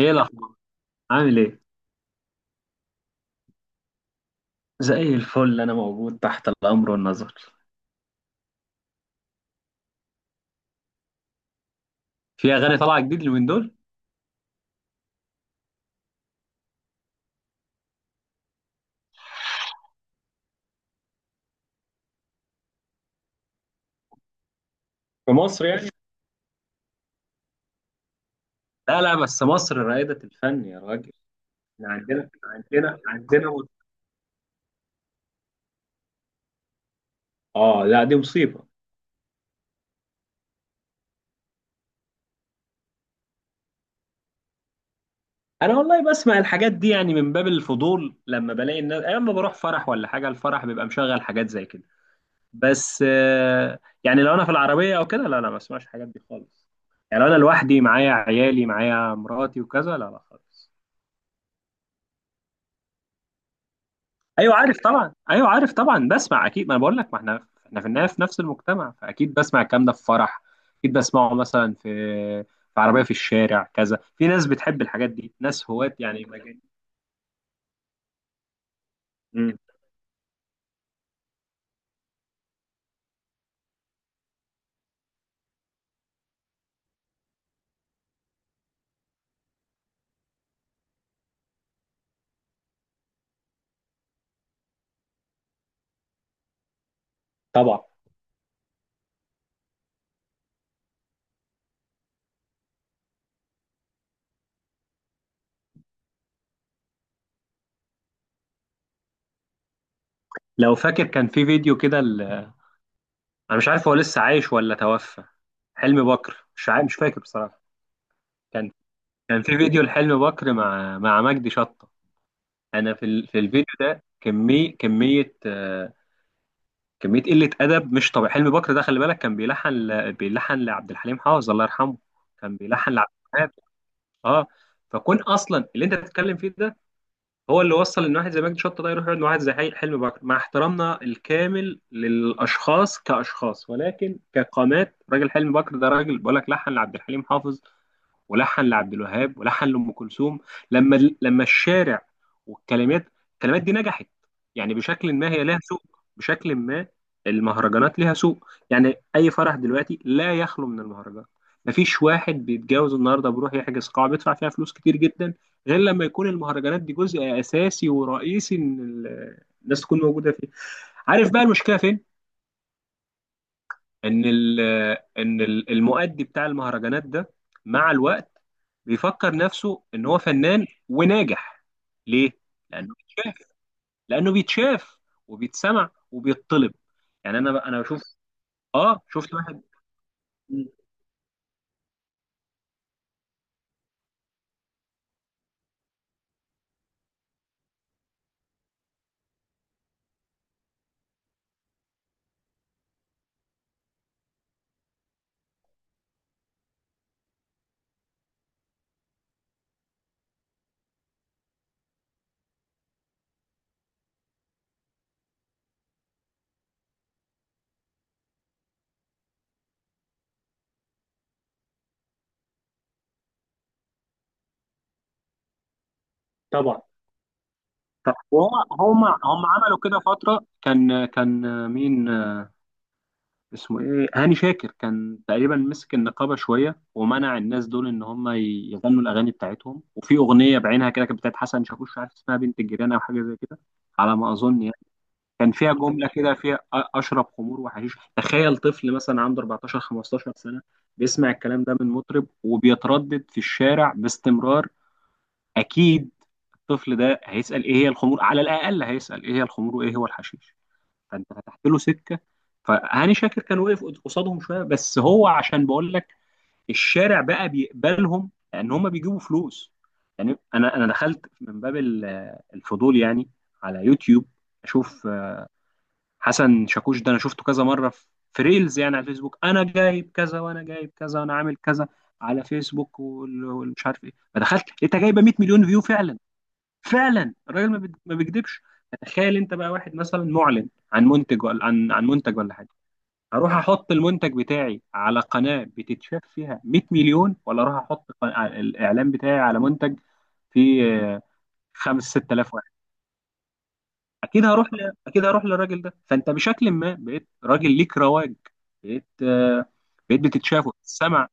ايه الاخبار؟ عامل ايه؟ زي الفل، انا موجود تحت الامر والنظر. في اغاني طالعه جديد اليومين دول؟ في مصر يعني؟ لا لا، بس مصر رائدة الفن يا راجل. احنا عندنا اه لا، دي مصيبه. انا والله بسمع الحاجات دي يعني من باب الفضول لما بلاقي الناس، اما بروح فرح ولا حاجه الفرح بيبقى مشغل حاجات زي كده. بس يعني لو انا في العربيه او كده، لا لا ما بسمعش الحاجات دي خالص. يعني لو انا لوحدي معايا عيالي معايا مراتي وكذا، لا لا خالص. ايوه عارف طبعا، ايوه عارف طبعا، بسمع اكيد، ما انا بقول لك، ما احنا في النهايه في نفس المجتمع، فاكيد بسمع الكلام ده في فرح. اكيد بسمعه مثلا في عربيه في الشارع، كذا في ناس بتحب الحاجات دي، ناس هواة يعني مجال. مم. طبعا. لو فاكر كان في فيديو كده انا مش عارف هو لسه عايش ولا توفى، حلمي بكر، مش عارف، مش فاكر بصراحه. كان في فيديو لحلمي بكر مع مجدي شطه. انا في في الفيديو ده كميه كمية قلة أدب مش طبيعي. حلمي بكر ده، خلي بالك، كان بيلحن لعبد الحليم حافظ الله يرحمه، كان بيلحن لعبد الوهاب. اه. فكون أصلا اللي أنت بتتكلم فيه ده هو اللي وصل إن واحد زي مجدي شطة ده يروح يقعد مع واحد زي حلمي بكر. مع احترامنا الكامل للأشخاص كأشخاص، ولكن كقامات، راجل حلمي بكر ده راجل بقول لك لحن لعبد الحليم حافظ، ولحن لعبد الوهاب، ولحن لأم كلثوم. لما الشارع والكلمات، الكلمات دي نجحت، يعني بشكل ما هي لها سوق. بشكل ما المهرجانات لها سوق، يعني أي فرح دلوقتي لا يخلو من المهرجان. مفيش واحد بيتجوز النهارده بيروح يحجز قاعة بيدفع فيها فلوس كتير جدا غير لما يكون المهرجانات دي جزء أساسي ورئيسي إن الناس تكون موجودة فيه. عارف بقى المشكلة فين؟ ان ال ان المؤدي بتاع المهرجانات ده مع الوقت بيفكر نفسه ان هو فنان وناجح. ليه؟ لانه بيتشاف، لانه بيتشاف وبيتسمع وبيطلب. يعني انا بشوف، اه، شفت واحد. طبعا. طب هو هم عملوا كده فتره. كان مين اسمه ايه، هاني شاكر، كان تقريبا مسك النقابه شويه ومنع الناس دول ان هم يغنوا الاغاني بتاعتهم. وفي اغنيه بعينها كده كانت بتاعت حسن شاكوش، مش عارف اسمها، بنت الجيران او حاجه زي كده على ما اظن يعني. كان فيها جمله كده فيها اشرب خمور وحشيش. تخيل طفل مثلا عنده 14 15 سنه بيسمع الكلام ده من مطرب وبيتردد في الشارع باستمرار. اكيد الطفل ده هيسال ايه هي الخمور، على الاقل هيسال ايه هي الخمور وايه هو الحشيش. فانت فتحت له سكه. فهاني شاكر كان واقف قصادهم شويه بس، هو عشان بقول لك الشارع بقى بيقبلهم لان هم بيجيبوا فلوس. يعني انا دخلت من باب الفضول يعني على يوتيوب اشوف. حسن شاكوش ده انا شفته كذا مره في ريلز يعني على الفيسبوك، انا جايب كذا وانا جايب كذا وانا عامل كذا على فيسبوك والمش عارف ايه. فدخلت لقيتها جايبه 100 مليون فيو فعلا. فعلا الراجل ما بيكذبش. تخيل انت بقى واحد مثلا معلن عن منتج، ولا عن منتج ولا حاجه، هروح احط المنتج بتاعي على قناه بتتشاف فيها 100 مليون، ولا اروح احط الاعلان بتاعي على منتج فيه آه، 5 6000 واحد؟ اكيد اكيد هروح للراجل ده. فانت بشكل ما بقيت راجل ليك رواج، بقيت آه، بقيت بتتشاف وتتسمع.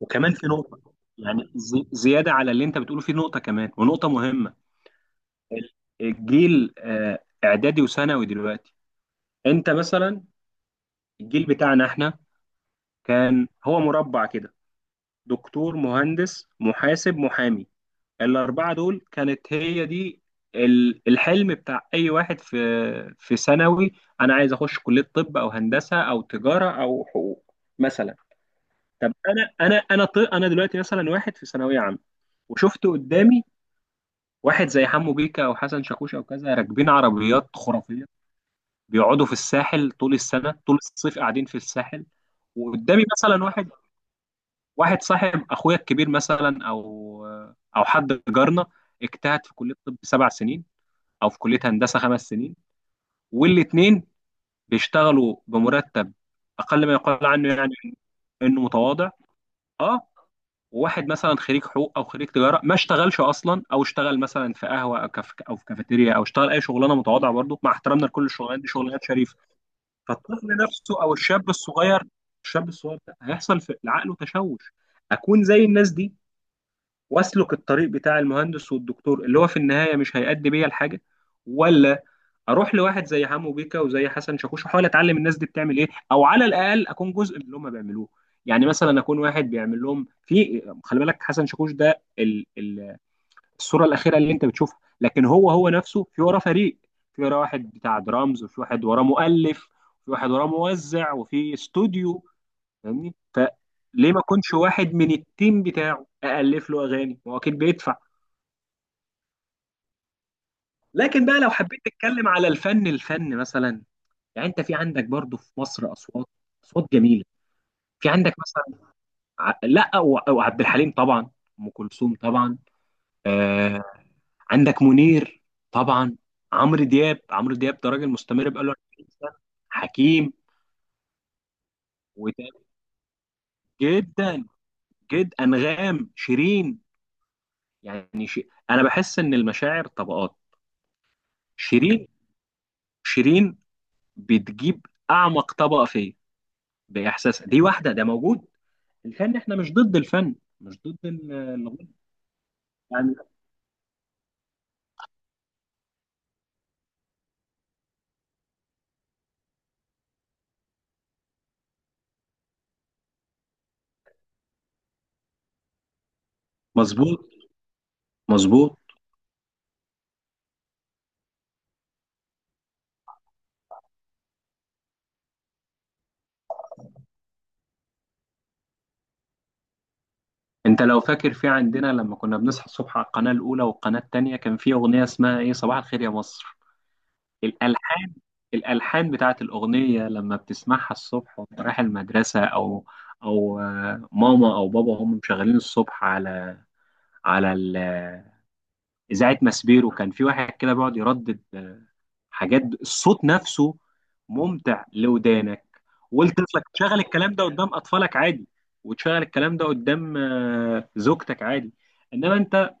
وكمان في نقطه، يعني زياده على اللي انت بتقوله، في نقطه كمان ونقطه مهمه. الجيل اعدادي وثانوي دلوقتي، انت مثلا الجيل بتاعنا احنا كان هو مربع كده: دكتور، مهندس، محاسب، محامي. الاربعه دول كانت هي دي الحلم بتاع اي واحد في ثانوي. انا عايز اخش كليه طب او هندسه او تجاره او حقوق مثلا. طب انا انا دلوقتي مثلا واحد في ثانويه عامه، وشفت قدامي واحد زي حمو بيكا او حسن شاكوش او كذا راكبين عربيات خرافيه، بيقعدوا في الساحل طول السنة، طول الصيف قاعدين في الساحل. وقدامي مثلا واحد صاحب اخويا الكبير مثلا، او او حد جارنا، اجتهد في كلية طب سبع سنين، او في كلية هندسة خمس سنين، والاتنين بيشتغلوا بمرتب اقل ما يقال عنه يعني انه متواضع. اه. وواحد مثلا خريج حقوق او خريج تجاره ما اشتغلش اصلا، او اشتغل مثلا في قهوه او كاف او في كافيتيريا، او اشتغل اي شغلانه متواضعه برضه، مع احترامنا لكل الشغلانات، دي شغلانات شريفه. فالطفل نفسه او الشاب الصغير، الشاب الصغير ده هيحصل في عقله تشوش: اكون زي الناس دي واسلك الطريق بتاع المهندس والدكتور اللي هو في النهايه مش هيأدي بيا لحاجه، ولا اروح لواحد زي حمو بيكا وزي حسن شاكوش واحاول اتعلم الناس دي بتعمل ايه، او على الاقل اكون جزء من اللي هم بيعملوه؟ يعني مثلا اكون واحد بيعمل لهم. في، خلي بالك، حسن شاكوش ده ال الصوره الاخيره اللي انت بتشوفها، لكن هو نفسه في وراه فريق، في وراه واحد بتاع درامز، وفي واحد وراه مؤلف، وفي واحد وراه موزع، وفي استوديو. فاهمني؟ فليه ما يكونش واحد من التيم بتاعه الف له اغاني؟ هو اكيد بيدفع. لكن بقى لو حبيت تتكلم على الفن، الفن مثلا يعني، انت في عندك برضو في مصر اصوات، اصوات جميله. في عندك مثلا لا وعبد الحليم طبعا، ام كلثوم طبعا. آه، عندك منير طبعا، عمرو دياب. ده راجل مستمر بقاله 40 سنه. حكيم وتاب. جدا جدا انغام شيرين يعني انا بحس ان المشاعر طبقات. شيرين، شيرين بتجيب اعمق طبقه فيا باحساسها دي، واحده ده موجود. الفن، احنا مش ضد الفن، مش ضد الغنى يعني. مظبوط، مظبوط. انت لو فاكر، في عندنا لما كنا بنصحى الصبح على القناه الاولى والقناه الثانيه كان في اغنيه اسمها ايه، صباح الخير يا مصر. الألحان، الألحان بتاعت الأغنية لما بتسمعها الصبح وأنت رايح المدرسة أو، أو ماما أو بابا هم مشغلين الصبح على على ال- آه، إذاعة ماسبيرو، كان في واحد كده بيقعد يردد حاجات، الصوت نفسه ممتع لودانك. ولطفلك تشغل الكلام ده قدام أطفالك عادي، وتشغل الكلام ده قدام زوجتك عادي. إنما أنت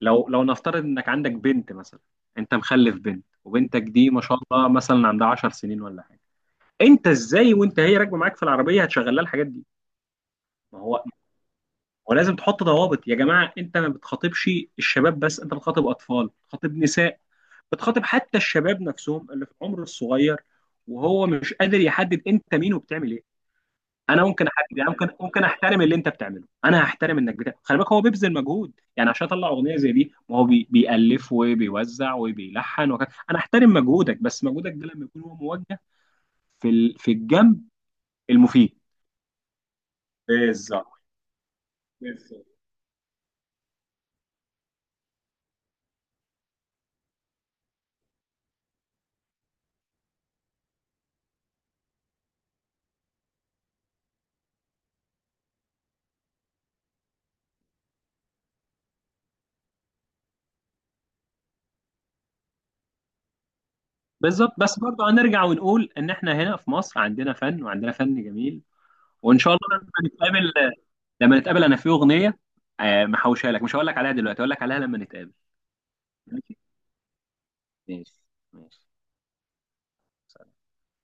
لو نفترض إنك عندك بنت مثلا. أنت مخلف بنت، وبنتك دي ما شاء الله مثلا عندها 10 سنين ولا حاجة، انت ازاي وانت هي راكبه معاك في العربيه هتشغل لها الحاجات دي؟ ما هو ما هو لازم تحط ضوابط يا جماعه. انت ما بتخاطبش الشباب بس، انت بتخاطب اطفال، بتخاطب نساء، بتخاطب حتى الشباب نفسهم اللي في العمر الصغير، وهو مش قادر يحدد انت مين وبتعمل ايه. انا ممكن احدد يعني، ممكن احترم اللي انت بتعمله. انا هحترم انك بتعمل، خلي بالك، هو بيبذل مجهود يعني عشان اطلع اغنيه زي دي، ما هو بيالف وبيوزع وبيلحن وكذا، انا احترم مجهودك، بس مجهودك ده لما يكون هو موجه في في الجنب المفيد. بالظبط، بالظبط، بالظبط. بس برضه هنرجع ونقول ان احنا هنا في مصر عندنا فن وعندنا فن جميل، وان شاء الله لما نتقابل. انا في اغنيه محوشها لك، مش هقول لك عليها دلوقتي، هقول لك عليها لما نتقابل. ماشي، ماشي، ماشي.